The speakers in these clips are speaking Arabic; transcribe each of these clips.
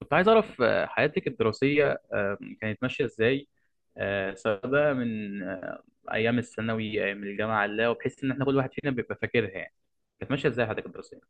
كنت عايز أعرف حياتك الدراسية، كانت ماشية إزاي؟ سواء بقى من أيام الثانوي، أيام الجامعة، لا، وبحيث إن إحنا كل واحد فينا بيبقى فاكرها يعني. كانت ماشية إزاي حياتك الدراسية؟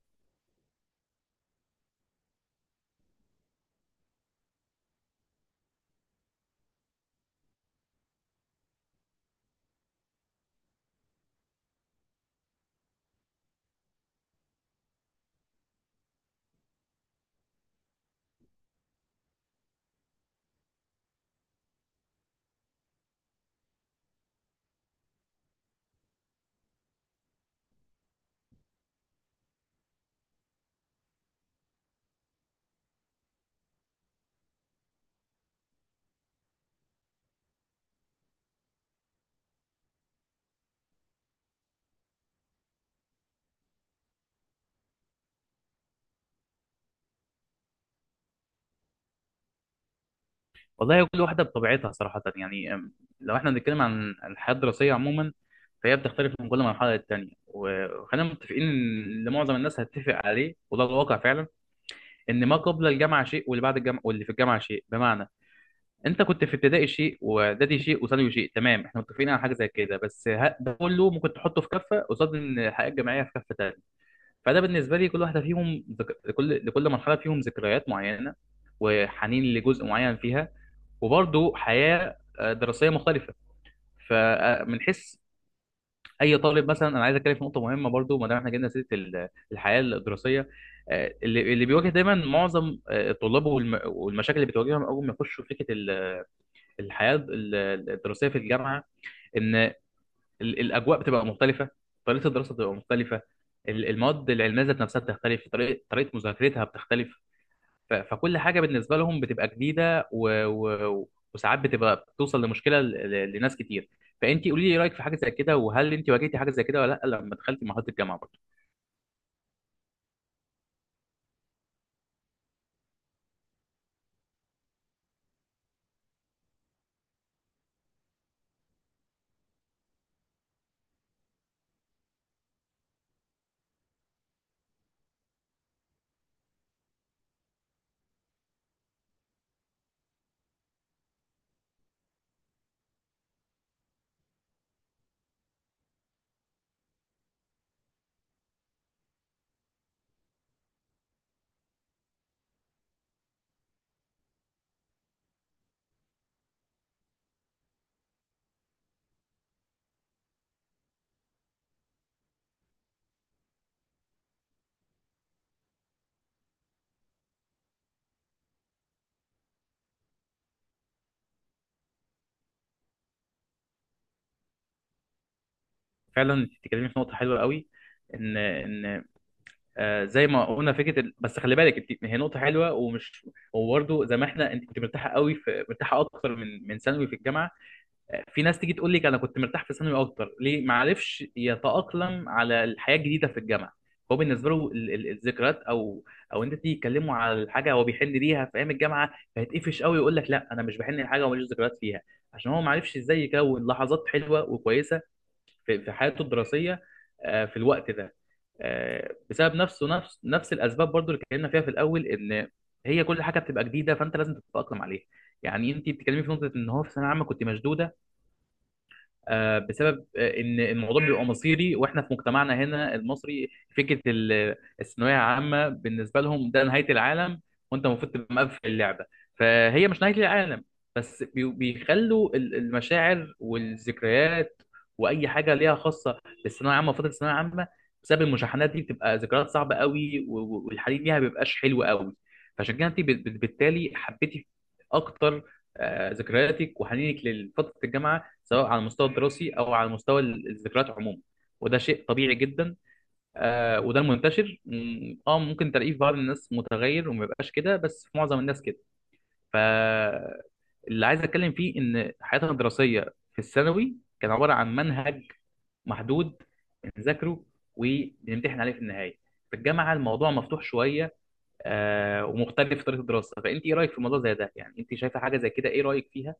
والله كل واحدة بطبيعتها صراحة يعني. لو إحنا بنتكلم عن الحياة الدراسية عموما، فهي بتختلف من كل مرحلة للتانية. وخلينا متفقين إن اللي معظم الناس هتتفق عليه، وده الواقع فعلا، إن ما قبل الجامعة شيء، واللي بعد الجامعة، واللي في الجامعة شيء. بمعنى انت كنت في ابتدائي شيء، واعدادي شيء، وثانوي شيء. تمام، احنا متفقين على حاجه زي كده. بس ده كله ممكن تحطه في كفه قصاد ان الحياه الجامعيه في كفه تانيه. فده بالنسبه لي كل واحده فيهم ذك... لكل لكل مرحله فيهم ذكريات معينه، وحنين لجزء معين فيها، وبرضه حياه دراسيه مختلفه. فمن حيث اي طالب مثلا، انا عايز اتكلم في نقطه مهمه برضه ما دام احنا جبنا سيره الحياه الدراسيه. اللي بيواجه دايما معظم الطلاب، والمشاكل اللي بتواجههم اول ما يخشوا فكره الحياه الدراسيه في الجامعه، ان الاجواء بتبقى مختلفه، طريقه الدراسه بتبقى مختلفه، المواد العلميه ذات نفسها بتختلف، طريقه مذاكرتها بتختلف، فكل حاجه بالنسبه لهم بتبقى جديده وساعات بتبقى بتوصل لمشكله لناس كتير. فانت قولي لي رايك في حاجه زي كده، وهل انت واجهتي حاجه زي كده ولا لا لما دخلتي مرحله الجامعه برضه؟ فعلا انت بتتكلمي في نقطه حلوه قوي، ان زي ما قلنا فكره بس خلي بالك، انت هي نقطه حلوه ومش. وبرده زي ما احنا، انت كنت مرتاحه قوي في مرتاحه اكتر من ثانوي في الجامعه. في ناس تيجي تقول لك انا كنت مرتاح في ثانوي اكتر، ليه؟ ما عرفش يتاقلم على الحياه الجديده في الجامعه. هو بالنسبه له الذكريات، او انت تيجي تكلمه على الحاجه هو بيحن ليها في ايام الجامعه. فهيتقفش قوي، يقول لك لا، انا مش بحن لحاجه وماليش ذكريات فيها، عشان هو ما عرفش ازاي يكون لحظات حلوه وكويسه في حياته الدراسيه في الوقت ده، بسبب نفس الاسباب برضو اللي اتكلمنا فيها في الاول، ان هي كل حاجه بتبقى جديده، فانت لازم تتاقلم عليها. يعني انت بتتكلمي في نقطه ان هو في ثانويه عامه كنت مشدوده بسبب ان الموضوع بيبقى مصيري، واحنا في مجتمعنا هنا المصري، فكره الثانويه عامه بالنسبه لهم ده نهايه العالم، وانت المفروض تبقى مقفل اللعبه. فهي مش نهايه العالم. بس بيخلوا المشاعر والذكريات، واي حاجه ليها خاصه بالثانويه عامه وفتره الثانويه عامه، بسبب المشاحنات دي بتبقى ذكريات صعبه قوي، والحنين ليها ما بيبقاش حلو قوي. فعشان كده انت بالتالي حبيتي اكتر ذكرياتك وحنينك لفتره الجامعه، سواء على المستوى الدراسي او على مستوى الذكريات عموما، وده شيء طبيعي جدا. وده المنتشر. ممكن تلاقيه في بعض الناس متغير وما يبقاش كده، بس في معظم الناس كده. ف اللي عايز اتكلم فيه ان حياتنا الدراسيه في الثانوي كان عباره عن منهج محدود، بنذاكره وبنمتحن عليه في النهايه. في الجامعه الموضوع مفتوح شويه، ومختلف في طريقه الدراسه. فانت ايه رايك في موضوع زي ده يعني؟ انت شايفه حاجه زي كده، ايه رايك فيها؟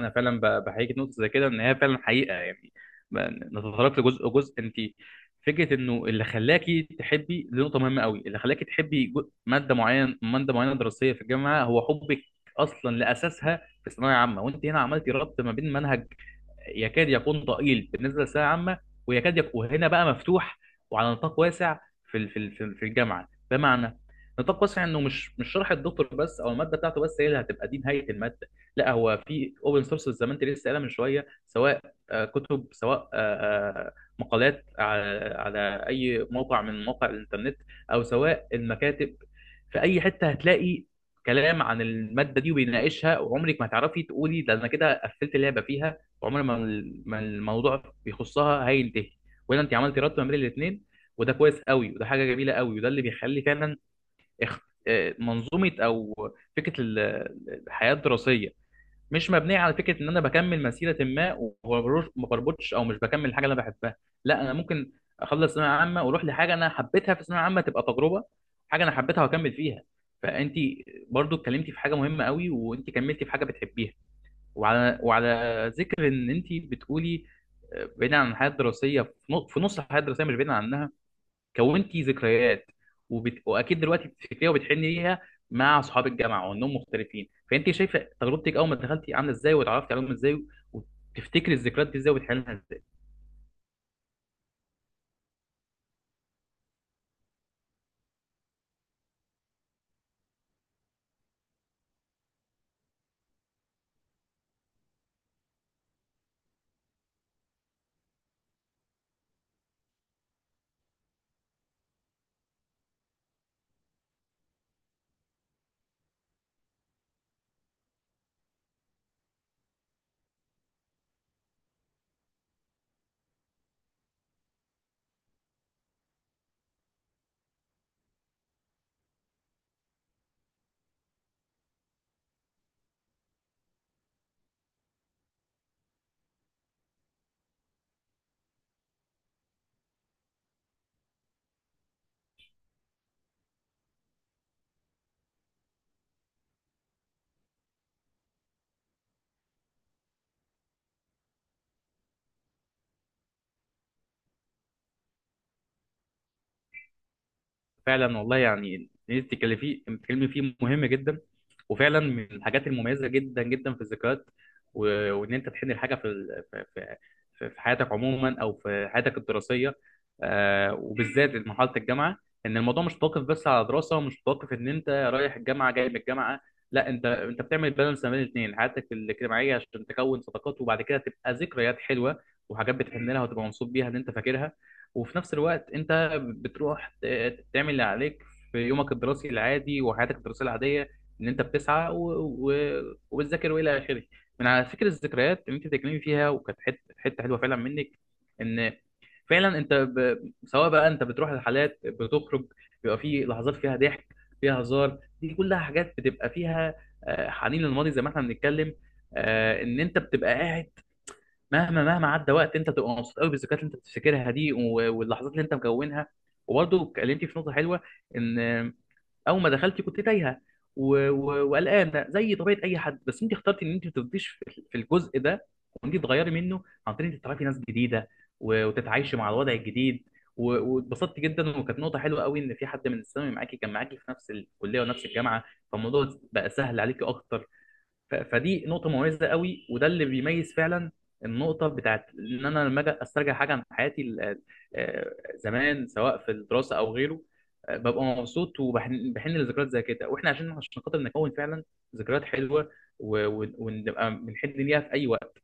انا فعلا بحييك نقطه زي كده، ان هي فعلا حقيقه يعني. ب- نتطرق لجزء جزء انت. فكره انه اللي خلاكي تحبي، دي نقطه مهمه قوي. اللي خلاكي تحبي ماده معينه دراسيه في الجامعه هو حبك اصلا لاساسها في ثانويه عامه. وانت هنا عملتي ربط ما بين منهج يكاد يكون ضئيل بالنسبه للثانويه العامه، ويكاد يكون هنا بقى مفتوح وعلى نطاق واسع في الجامعه. بمعنى نطاق واسع انه مش شرح الدكتور بس، او الماده بتاعته بس، هي اللي هتبقى دي نهايه الماده. لا، هو في اوبن سورس زي ما انت لسه قايلها من شويه، سواء كتب، سواء مقالات على اي موقع من مواقع الانترنت، او سواء المكاتب، في اي حته هتلاقي كلام عن الماده دي وبيناقشها. وعمرك ما هتعرفي تقولي ده انا كده قفلت اللعبه فيها، وعمر ما ما الموضوع بيخصها هينتهي. وهنا انت عملتي ربط ما بين الاثنين، وده كويس قوي، وده حاجه جميله قوي، وده اللي بيخلي فعلا اخ- منظومه او فكره الحياه الدراسيه مش مبنيه على فكره ان انا بكمل مسيره ما، ما بربطش او مش بكمل الحاجه اللي انا بحبها. لا، انا ممكن اخلص ثانويه عامه واروح لحاجه انا حبيتها في ثانويه عامه، تبقى تجربه، حاجه انا حبيتها واكمل فيها. فانت برضو اتكلمتي في حاجه مهمه قوي، وانت كملتي في حاجه بتحبيها. وعلى ذكر ان انت بتقولي بعيدا عن الحياه الدراسيه، في نص الحياه الدراسيه، مش بعيدا عنها، كونتي ذكريات، واكيد دلوقتي بتفتكريها وبتحني ليها مع اصحاب الجامعه، وانهم مختلفين. فانت شايفه تجربتك اول ما دخلتي عامله ازاي، واتعرفتي عليهم ازاي، وتفتكري الذكريات دي ازاي وبتحني لها ازاي؟ فعلا والله يعني، اللي انت بتتكلمي فيه مهم جدا، وفعلا من الحاجات المميزه جدا جدا في الذكريات، وان انت تحن الحاجه في في حياتك عموما او في حياتك الدراسيه، وبالذات مرحله الجامعه. ان الموضوع مش متوقف بس على دراسه، ومش متوقف ان انت رايح الجامعه جاي من الجامعه. لا، انت بتعمل بالانس ما بين الاثنين، حياتك الاجتماعيه عشان تكون صداقات، وبعد كده تبقى ذكريات حلوه، وحاجات بتحن لها وتبقى مبسوط بيها ان انت فاكرها. وفي نفس الوقت انت بتروح تعمل اللي عليك في يومك الدراسي العادي، وحياتك الدراسية العادية، ان انت بتسعى و... وبتذاكر والى اخره. من على فكرة الذكريات اللي انت بتتكلمي فيها، وكانت حتة حتة حلوة فعلا منك، ان فعلا انت سواء بقى انت بتروح الحالات بتخرج، بيبقى في لحظات فيها ضحك، فيها هزار، دي كلها حاجات بتبقى فيها حنين للماضي زي ما احنا بنتكلم. ان انت بتبقى قاعد، مهما مهما عدى وقت انت تبقى مبسوط قوي بالذكريات اللي انت بتفتكرها دي واللحظات اللي انت مكونها. وبرضه اتكلمتي في نقطه حلوه، ان اول ما دخلتي كنت تايهه وقلقانه زي طبيعه اي حد، بس انت اخترتي ان انت ما تفضيش في الجزء ده، وانت تغيري منه عن طريق انك تعرفي ناس جديده وتتعايشي مع الوضع الجديد، واتبسطت جدا. وكانت نقطه حلوه قوي ان في حد من الثانوي معاكي كان معاكي في نفس الكليه ونفس الجامعه، فالموضوع بقى سهل عليكي اكتر. فدي نقطه مميزه قوي، وده اللي بيميز فعلا النقطه بتاعت ان انا لما اجي استرجع حاجه عن حياتي زمان، سواء في الدراسه او غيره، ببقى مبسوط وبحن لذكريات زي كده، واحنا عشان خاطر نكون فعلا ذكريات حلوه ونبقى بنحن ليها في اي وقت.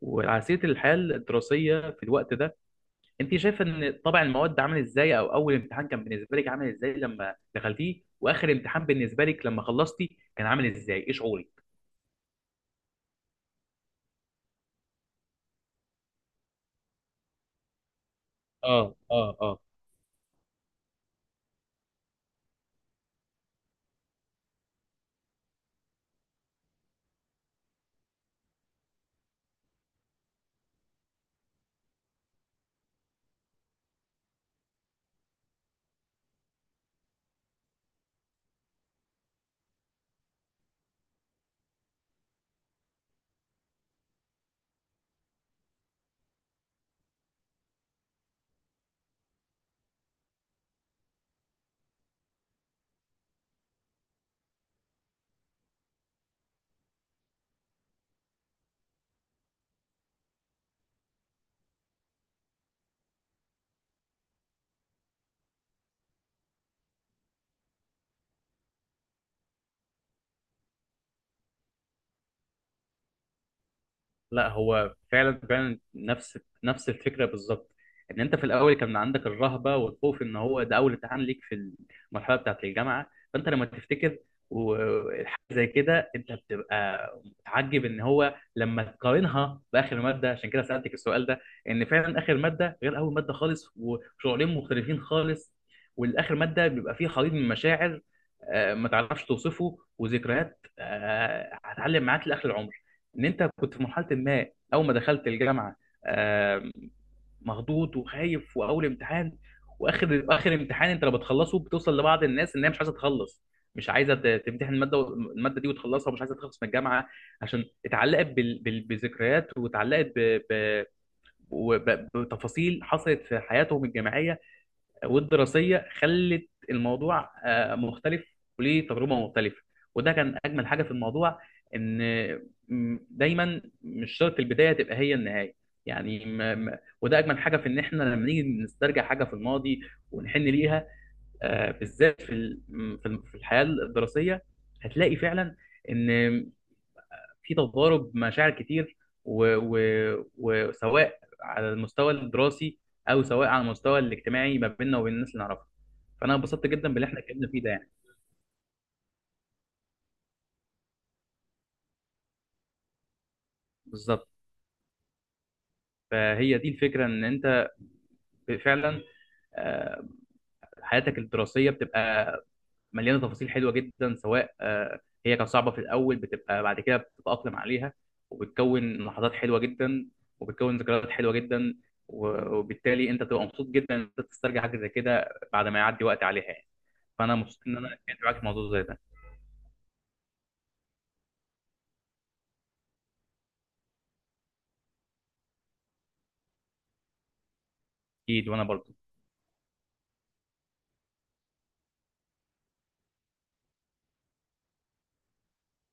وعلى سيره الحياه الدراسيه في الوقت ده، انت شايفه ان طبع المواد عامل ازاي؟ او اول امتحان كان بالنسبه لك عامل ازاي لما دخلتيه، واخر امتحان بالنسبه لك لما خلصتي كان عامل ازاي؟ ايه شعورك؟ اه، اه، اه. لا، هو فعلا فعلا نفس الفكره بالظبط، ان انت في الاول كان عندك الرهبه والخوف ان هو ده اول امتحان ليك في المرحله بتاعه الجامعه. فانت لما تفتكر وحاجه زي كده انت بتبقى متعجب، ان هو لما تقارنها باخر ماده، عشان كده سالتك السؤال ده، ان فعلا اخر ماده غير اول ماده خالص، وشعورين مختلفين خالص. والاخر ماده بيبقى فيه خليط من مشاعر ما تعرفش توصفه، وذكريات هتعلم معاك لاخر العمر، ان انت كنت في مرحله ما، اول ما دخلت الجامعه، آم، مخضوض وخايف، واول امتحان. واخر امتحان انت لو بتخلصه، بتوصل لبعض الناس ان هي مش عايزه تخلص، مش عايزه تمتحن الماده الماده دي وتخلصها، ومش عايزه تخلص من الجامعه، عشان اتعلقت بذكريات، واتعلقت وب- بتفاصيل حصلت في حياتهم الجامعيه والدراسيه، خلت الموضوع مختلف، وليه تجربه مختلفه. وده كان اجمل حاجه في الموضوع، ان دايما مش شرط البدايه تبقى هي النهايه. يعني وده اجمل حاجه في ان احنا لما نيجي نسترجع حاجه في الماضي ونحن ليها، بالذات في ال- م- في ال- في الحياه الدراسيه، هتلاقي فعلا ان في تضارب مشاعر كتير، وسواء على المستوى الدراسي، او سواء على المستوى الاجتماعي ما بيننا وبين الناس اللي نعرفها. فانا انبسطت جدا باللي احنا اتكلمنا فيه ده يعني. بالظبط. فهي دي الفكره ان انت فعلا آه، حياتك الدراسيه بتبقى مليانه تفاصيل حلوه جدا، سواء هي كانت صعبه في الاول، بتبقى بعد كده بتتاقلم عليها، وبتكون لحظات حلوه جدا، وبتكون ذكريات حلوه جدا، وبالتالي انت تبقى مبسوط جدا ان انت تسترجع حاجه زي كده بعد ما يعدي وقت عليها يعني. فانا مبسوط ان انا اتكلمت معاك في الموضوع زي ده. اكيد. وانا برضه